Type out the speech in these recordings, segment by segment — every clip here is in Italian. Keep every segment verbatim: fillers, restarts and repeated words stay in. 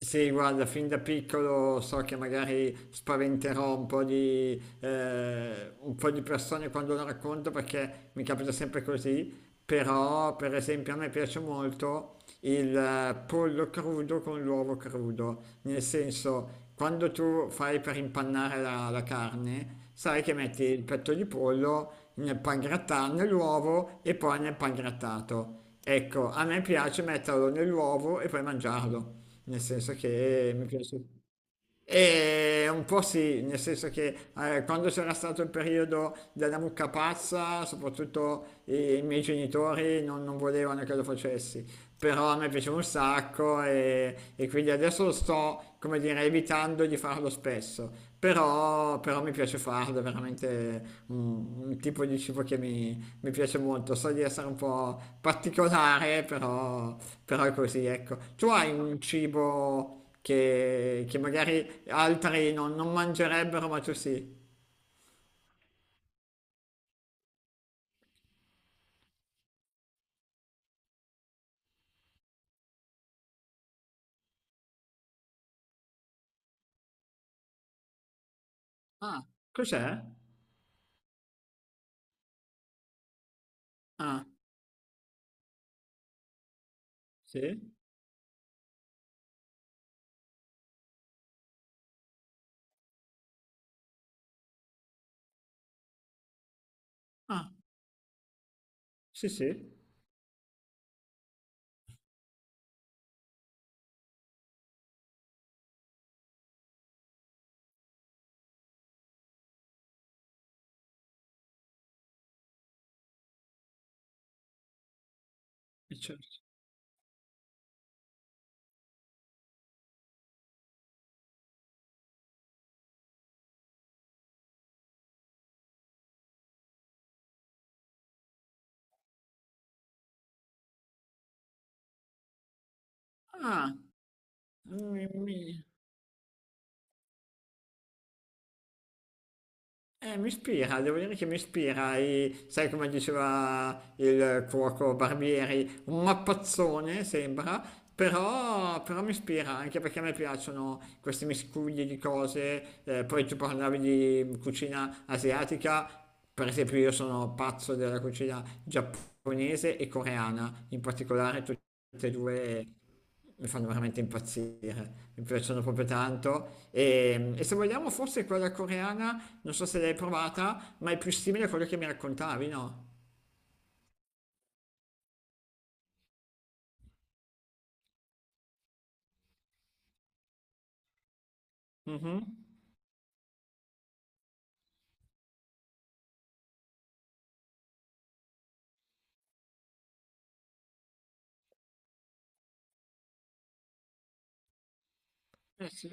Sì, guarda, fin da piccolo so che magari spaventerò un po' di, eh, un po' di persone quando lo racconto perché mi capita sempre così, però per esempio a me piace molto il eh, pollo crudo con l'uovo crudo, nel senso quando tu fai per impannare la, la carne, sai che metti il petto di pollo nel pangrattato, nell'uovo e poi nel pangrattato. Ecco, a me piace metterlo nell'uovo e poi mangiarlo. Nel senso che mi piace. E un po' sì, nel senso che eh, quando c'era stato il periodo della mucca pazza, soprattutto i miei genitori non, non volevano che lo facessi però a me piaceva un sacco e, e quindi adesso lo sto, come dire, evitando di farlo spesso, però, però mi piace farlo, è veramente un, un tipo di cibo che mi, mi piace molto, so di essere un po' particolare, però, però è così, ecco. Tu hai un cibo che, che magari altri non, non mangerebbero, ma tu sì. Ah, cos'è? Ah, sì? Ah, sì, sì. E certo. Ah, mi... mi- Eh, mi ispira, devo dire che mi ispira, e, sai come diceva il cuoco Barbieri, un mappazzone sembra, però, però mi ispira anche perché a me piacciono questi miscugli di cose, eh, poi tu parlavi di cucina asiatica, per esempio io sono pazzo della cucina giapponese e coreana, in particolare tutte e due mi fanno veramente impazzire, mi piacciono proprio tanto. E, e se vogliamo, forse quella coreana, non so se l'hai provata, ma è più simile a quello che mi raccontavi, no? Mhm. Eh sì.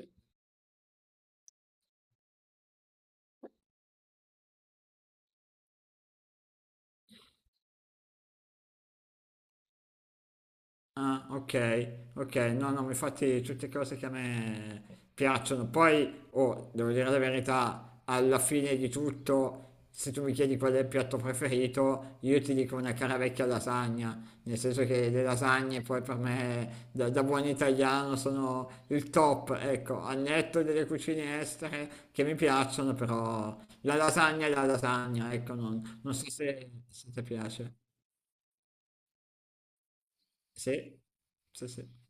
Ah, ok, ok, no, no, ma infatti tutte cose che a me piacciono. Poi, oh, devo dire la verità, alla fine di tutto, se tu mi chiedi qual è il piatto preferito, io ti dico una cara vecchia lasagna, nel senso che le lasagne poi per me, da, da buon italiano, sono il top, ecco, al netto delle cucine estere che mi piacciono, però la lasagna è la lasagna, ecco, non, non so se, se ti piace. Sì, sì, sì.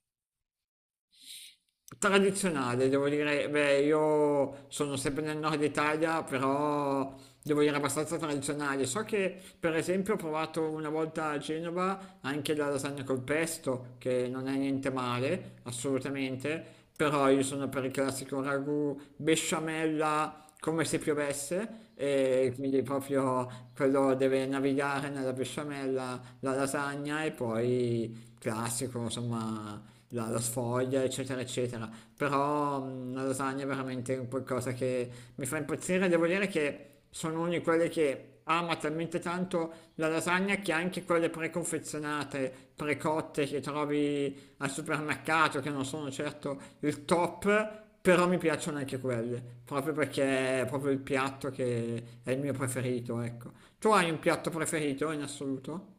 Tradizionale, devo dire, beh, io sono sempre nel nord Italia, però devo dire abbastanza tradizionale. So che, per esempio, ho provato una volta a Genova anche la lasagna col pesto, che non è niente male, assolutamente, però io sono per il classico ragù besciamella come se piovesse, e quindi proprio quello deve navigare nella besciamella, la lasagna e poi classico, insomma, la, la sfoglia, eccetera, eccetera. Però mh, la lasagna è veramente un qualcosa che mi fa impazzire. Devo dire che sono uno di quelli che ama talmente tanto la lasagna che anche quelle preconfezionate, precotte che trovi al supermercato, che non sono certo il top. Però mi piacciono anche quelle, proprio perché è proprio il piatto che è il mio preferito, ecco. Tu hai un piatto preferito in assoluto?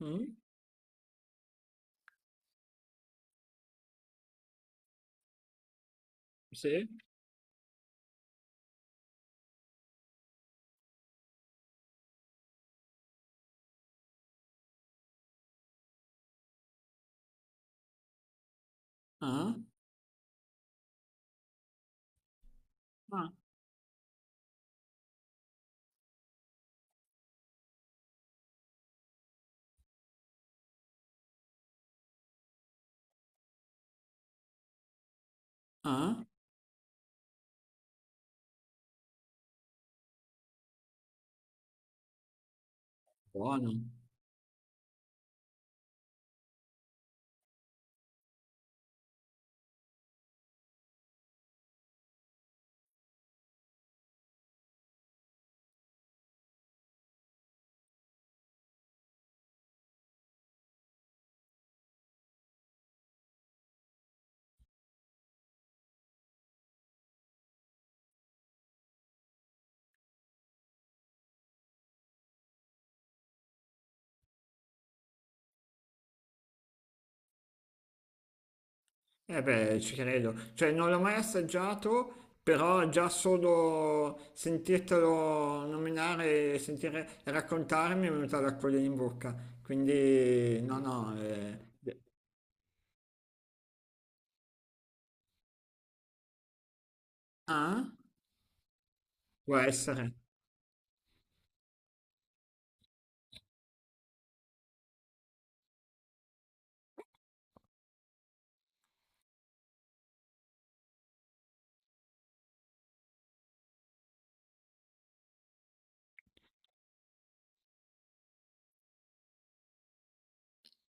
Mm? Sì. Ah? Ah? Ah? Buono. Eh beh, ci credo, cioè non l'ho mai assaggiato, però già solo sentirtelo nominare e sentire raccontarmi è venuta l'acquolina in bocca, quindi no, no, eh, ah, può essere.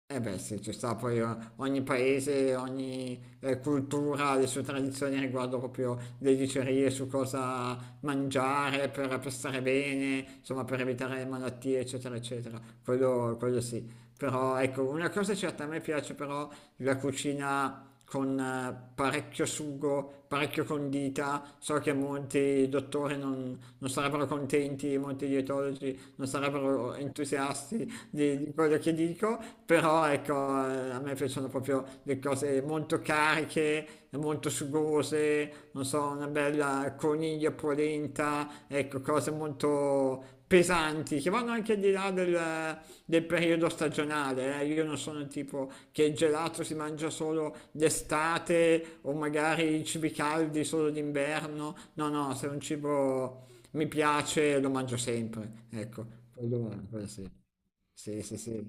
Eh beh, sì, ci sta, poi eh, ogni paese, ogni eh, cultura ha le sue tradizioni riguardo proprio le dicerie su cosa mangiare per, per stare bene, insomma per evitare malattie, eccetera, eccetera. Quello, quello sì. Però ecco, una cosa è certa, a me piace però la cucina con eh, parecchio sugo, parecchio condita. So che molti dottori non, non sarebbero contenti, molti dietologi non sarebbero entusiasti di, di quello che dico, però ecco, eh, a me piacciono proprio le cose molto cariche, molto sugose, non so, una bella coniglia polenta, ecco, cose molto pesanti che vanno anche al di là del, del periodo stagionale. eh. Io non sono il tipo che il gelato si mangia solo d'estate o magari i cibi caldi solo d'inverno. No, no, se è un cibo mi piace, lo mangio sempre, ecco, quello, quello sì. Sì, sì, sì.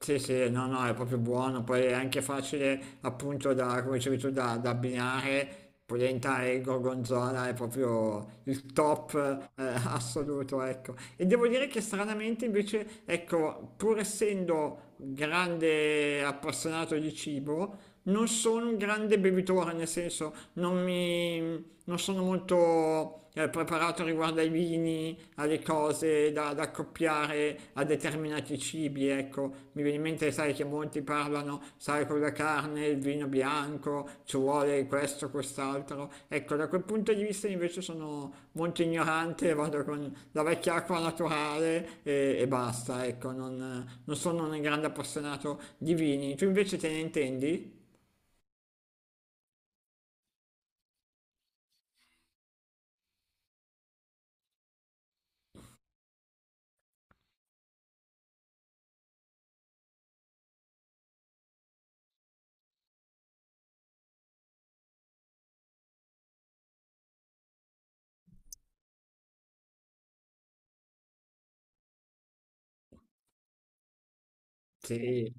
Sì, sì, no, no, è proprio buono, poi è anche facile appunto da, come dicevi tu, da, da abbinare, polenta e gorgonzola è proprio il top eh, assoluto, ecco. E devo dire che stranamente invece, ecco, pur essendo grande appassionato di cibo, non sono un grande bevitore, nel senso non mi... non sono molto eh, preparato riguardo ai vini, alle cose da, da accoppiare a determinati cibi, ecco. Mi viene in mente, sai, che molti parlano, sai, con la carne, il vino bianco, ci vuole questo, quest'altro. Ecco, da quel punto di vista invece sono molto ignorante, vado con la vecchia acqua naturale e, e basta, ecco. Non, non sono un grande appassionato di vini. Tu invece te ne intendi? Sì,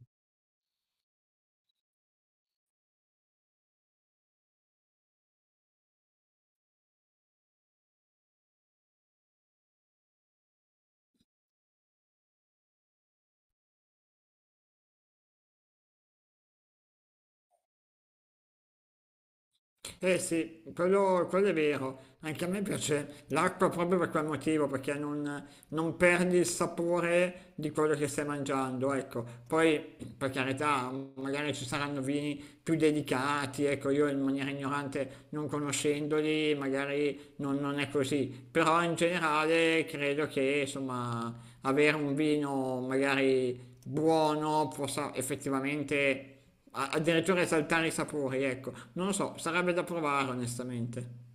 eh sì, quello, quello è vero. Anche a me piace l'acqua proprio per quel motivo, perché non, non perdi il sapore di quello che stai mangiando, ecco. Poi, per carità, magari ci saranno vini più delicati, ecco, io in maniera ignorante, non conoscendoli, magari non, non è così. Però in generale credo che, insomma, avere un vino magari buono possa effettivamente a- addirittura esaltare i sapori, ecco, non lo so, sarebbe da provare onestamente.